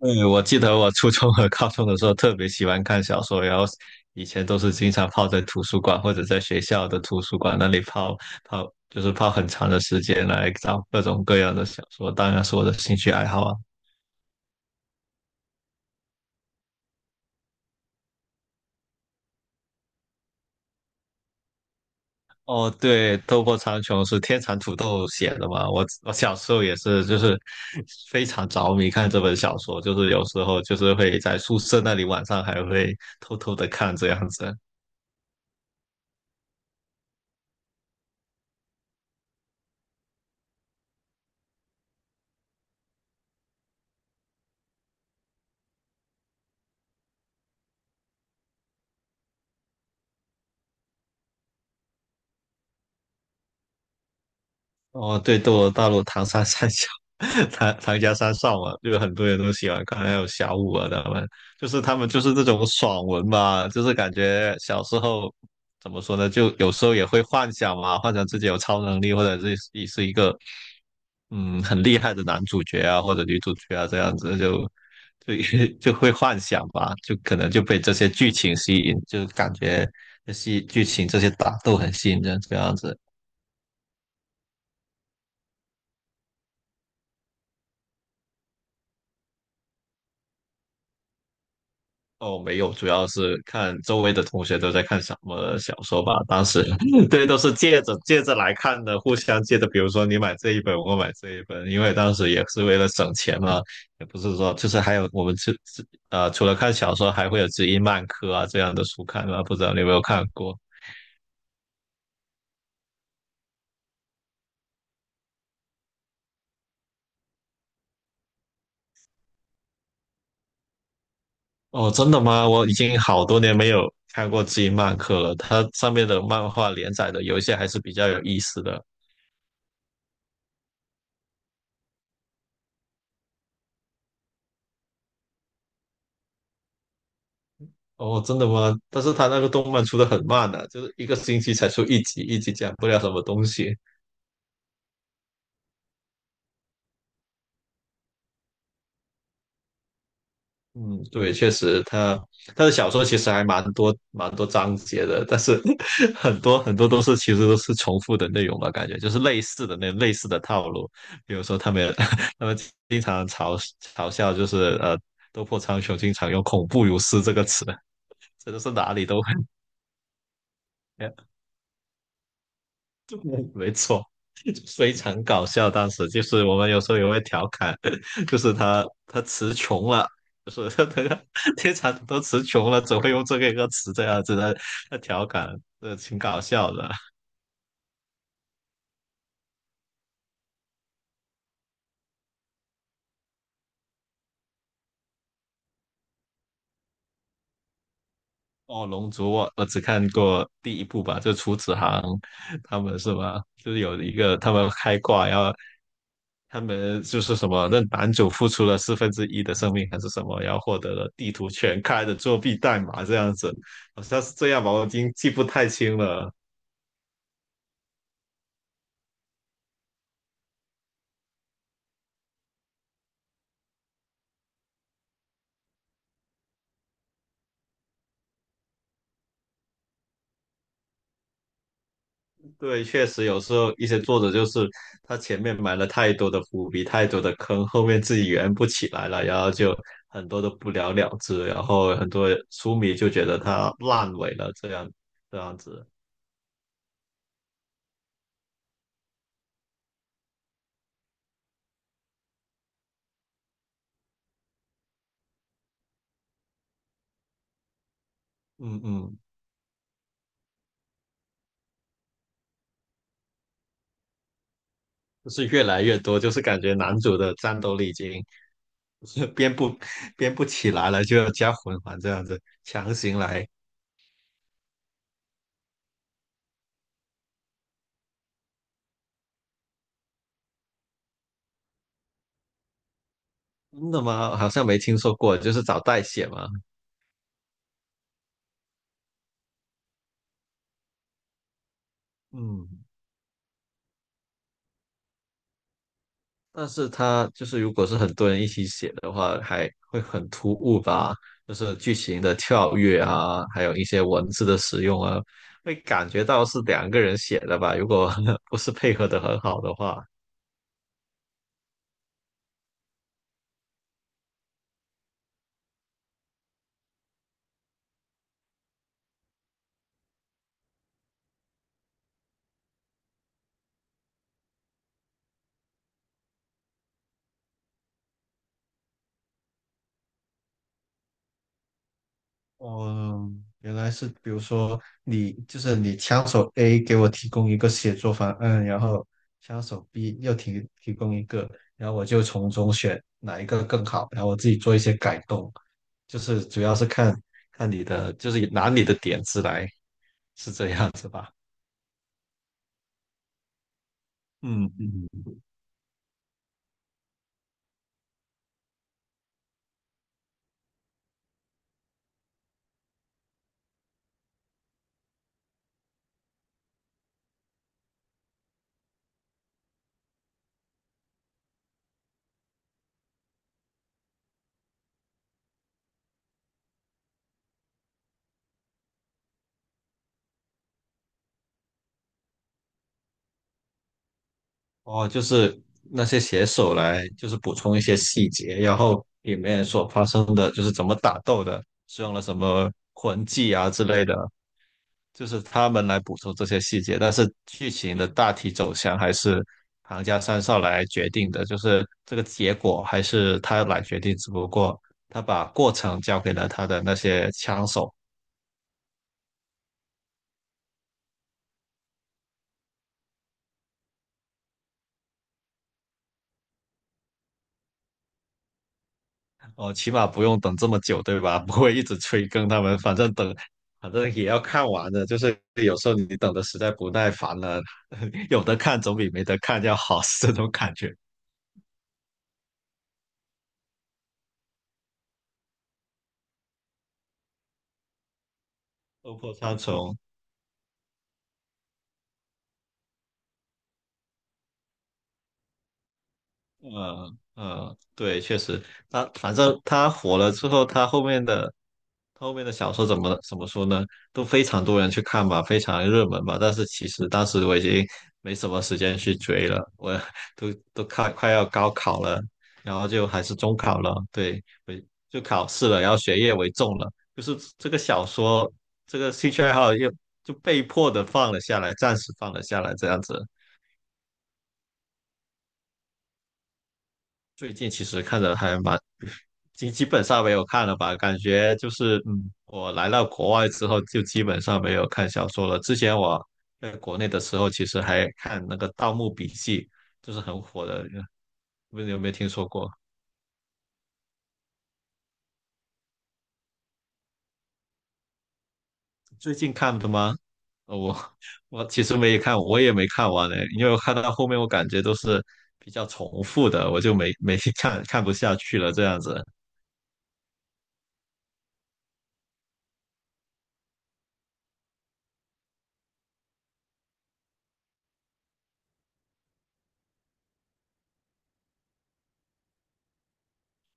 对，我记得我初中和高中的时候特别喜欢看小说，然后以前都是经常泡在图书馆或者在学校的图书馆那里泡，就是泡很长的时间来找各种各样的小说，当然是我的兴趣爱好啊。哦，对，《斗破苍穹》是天蚕土豆写的嘛？我小时候也是，就是非常着迷看这本小说，就是有时候就是会在宿舍那里晚上还会偷偷的看这样子。哦，对，斗罗大陆唐三三小，唐家三少嘛，就很多人都喜欢看，还有小五啊，他们就是这种爽文吧，就是感觉小时候怎么说呢，就有时候也会幻想嘛，幻想自己有超能力，或者是自己是一个很厉害的男主角啊，或者女主角啊，这样子就 就会幻想吧，就可能就被这些剧情吸引，就感觉这些剧情这些打斗很吸引人，这样子。哦，没有，主要是看周围的同学都在看什么小说吧。当时，对，都是借着来看的，互相借着。比如说你买这一本，我买这一本，因为当时也是为了省钱嘛，也不是说就是还有我们自自呃，除了看小说，还会有知音漫客啊这样的书看啊。不知道你有没有看过？哦，真的吗？我已经好多年没有看过知音漫客了。它上面的漫画连载的有一些还是比较有意思的。哦，真的吗？但是他那个动漫出的很慢的，就是一个星期才出一集，一集讲不了什么东西。嗯，对，确实他的小说其实还蛮多蛮多章节的，但是 很多很多都是其实都是重复的内容吧，感觉就是类似的套路。比如说他们 他们经常嘲笑，就是斗破苍穹经常用"恐怖如斯"这个词，真的是哪里都会，没错。非常搞笑。当时就是我们有时候也会调侃，就是他词穷了，就是 他他他天蚕都词穷了，只会用这个一个词这样子的他调侃，挺搞笑的。哦，《龙族》我只看过第一部吧，就楚子航他们是吧？就是有一个他们开挂，然后他们就是什么，那男主付出了四分之一的生命还是什么，然后获得了地图全开的作弊代码这样子，好像是这样吧，我已经记不太清了。对，确实有时候一些作者就是他前面埋了太多的伏笔，太多的坑，后面自己圆不起来了，然后就很多都不了了之，然后很多书迷就觉得他烂尾了，这样子，嗯嗯，就是越来越多，就是感觉男主的战斗力已经 就是编不起来了，就要加魂环这样子强行来，真的吗？好像没听说过，就是找代写嘛，嗯。但是它就是如果是很多人一起写的话，还会很突兀吧？就是剧情的跳跃啊，还有一些文字的使用啊，会感觉到是两个人写的吧？如果 不是配合的很好的话。哦，原来是，比如说你就是你枪手 A 给我提供一个写作方案，然后枪手 B 又提供一个，然后我就从中选哪一个更好，然后我自己做一些改动，就是主要是看看你的，就是拿你的点子来，是这样子吧？嗯嗯，哦，就是那些写手来，就是补充一些细节，然后里面所发生的，就是怎么打斗的，使用了什么魂技啊之类的。就是他们来补充这些细节，但是剧情的大体走向还是行家三少来决定的，就是这个结果还是他来决定，只不过他把过程交给了他的那些枪手，哦，起码不用等这么久，对吧？不会一直催更他们，反正等，反正也要看完的，就是有时候你等的实在不耐烦了，有的看总比没得看要好，是这种感觉。《斗破苍穹》嗯嗯，对，确实，反正他火了之后，他后面的小说怎么说呢？都非常多人去看吧，非常热门吧。但是其实当时我已经没什么时间去追了，我 都快要高考了，然后就还是中考了，对，就考试了，然后学业为重了，就是这个小说这个兴趣爱好就被迫的放了下来，暂时放了下来，这样子。最近其实看着还蛮基基本上没有看了吧？感觉就是，我来到国外之后就基本上没有看小说了。之前我在国内的时候，其实还看那个《盗墓笔记》，就是很火的，不知你有没有听说过？最近看的吗？呃我我其实没看，我也没看完嘞，因为我看到后面我感觉都是比较重复的，我就没没 看不下去了这样子。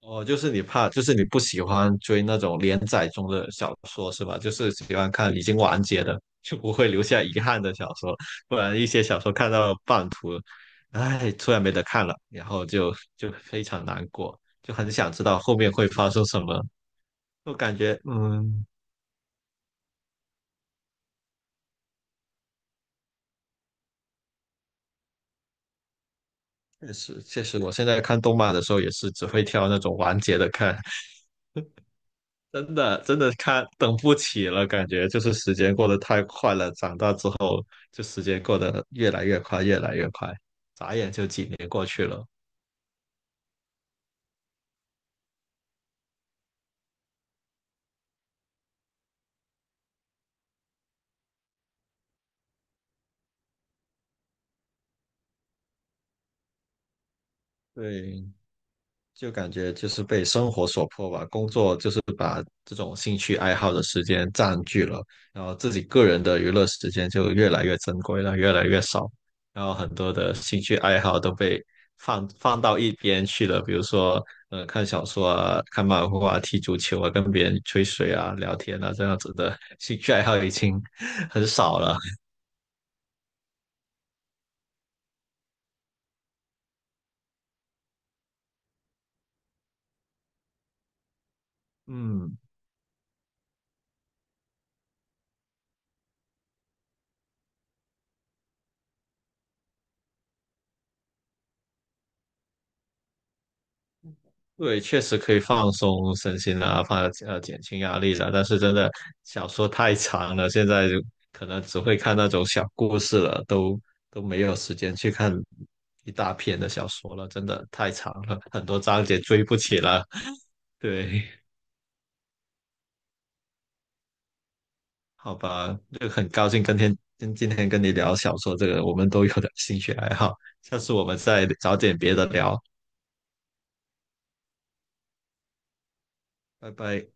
哦，就是你怕，就是你不喜欢追那种连载中的小说是吧？就是喜欢看已经完结的，就不会留下遗憾的小说。不然一些小说看到半途，哎，突然没得看了，然后就非常难过，就很想知道后面会发生什么。就感觉，确实确实，我现在看动漫的时候也是只会挑那种完结的看，真的真的看等不起了，感觉就是时间过得太快了。长大之后，就时间过得越来越快，越来越快，眨眼就几年过去了。对，就感觉就是被生活所迫吧，工作就是把这种兴趣爱好的时间占据了，然后自己个人的娱乐时间就越来越珍贵了，越来越少，然后很多的兴趣爱好都被放到一边去了，比如说，看小说啊，看漫画啊，踢足球啊，跟别人吹水啊，聊天啊，这样子的兴趣爱好已经 很少了。嗯，对，确实可以放松身心啊，减轻压力啊。但是真的小说太长了，现在就可能只会看那种小故事了，都没有时间去看一大篇的小说了，真的太长了，很多章节追不起了。对，好吧，就很高兴跟天今今天跟你聊小说这个我们都有的兴趣爱好，下次我们再找点别的聊，拜拜。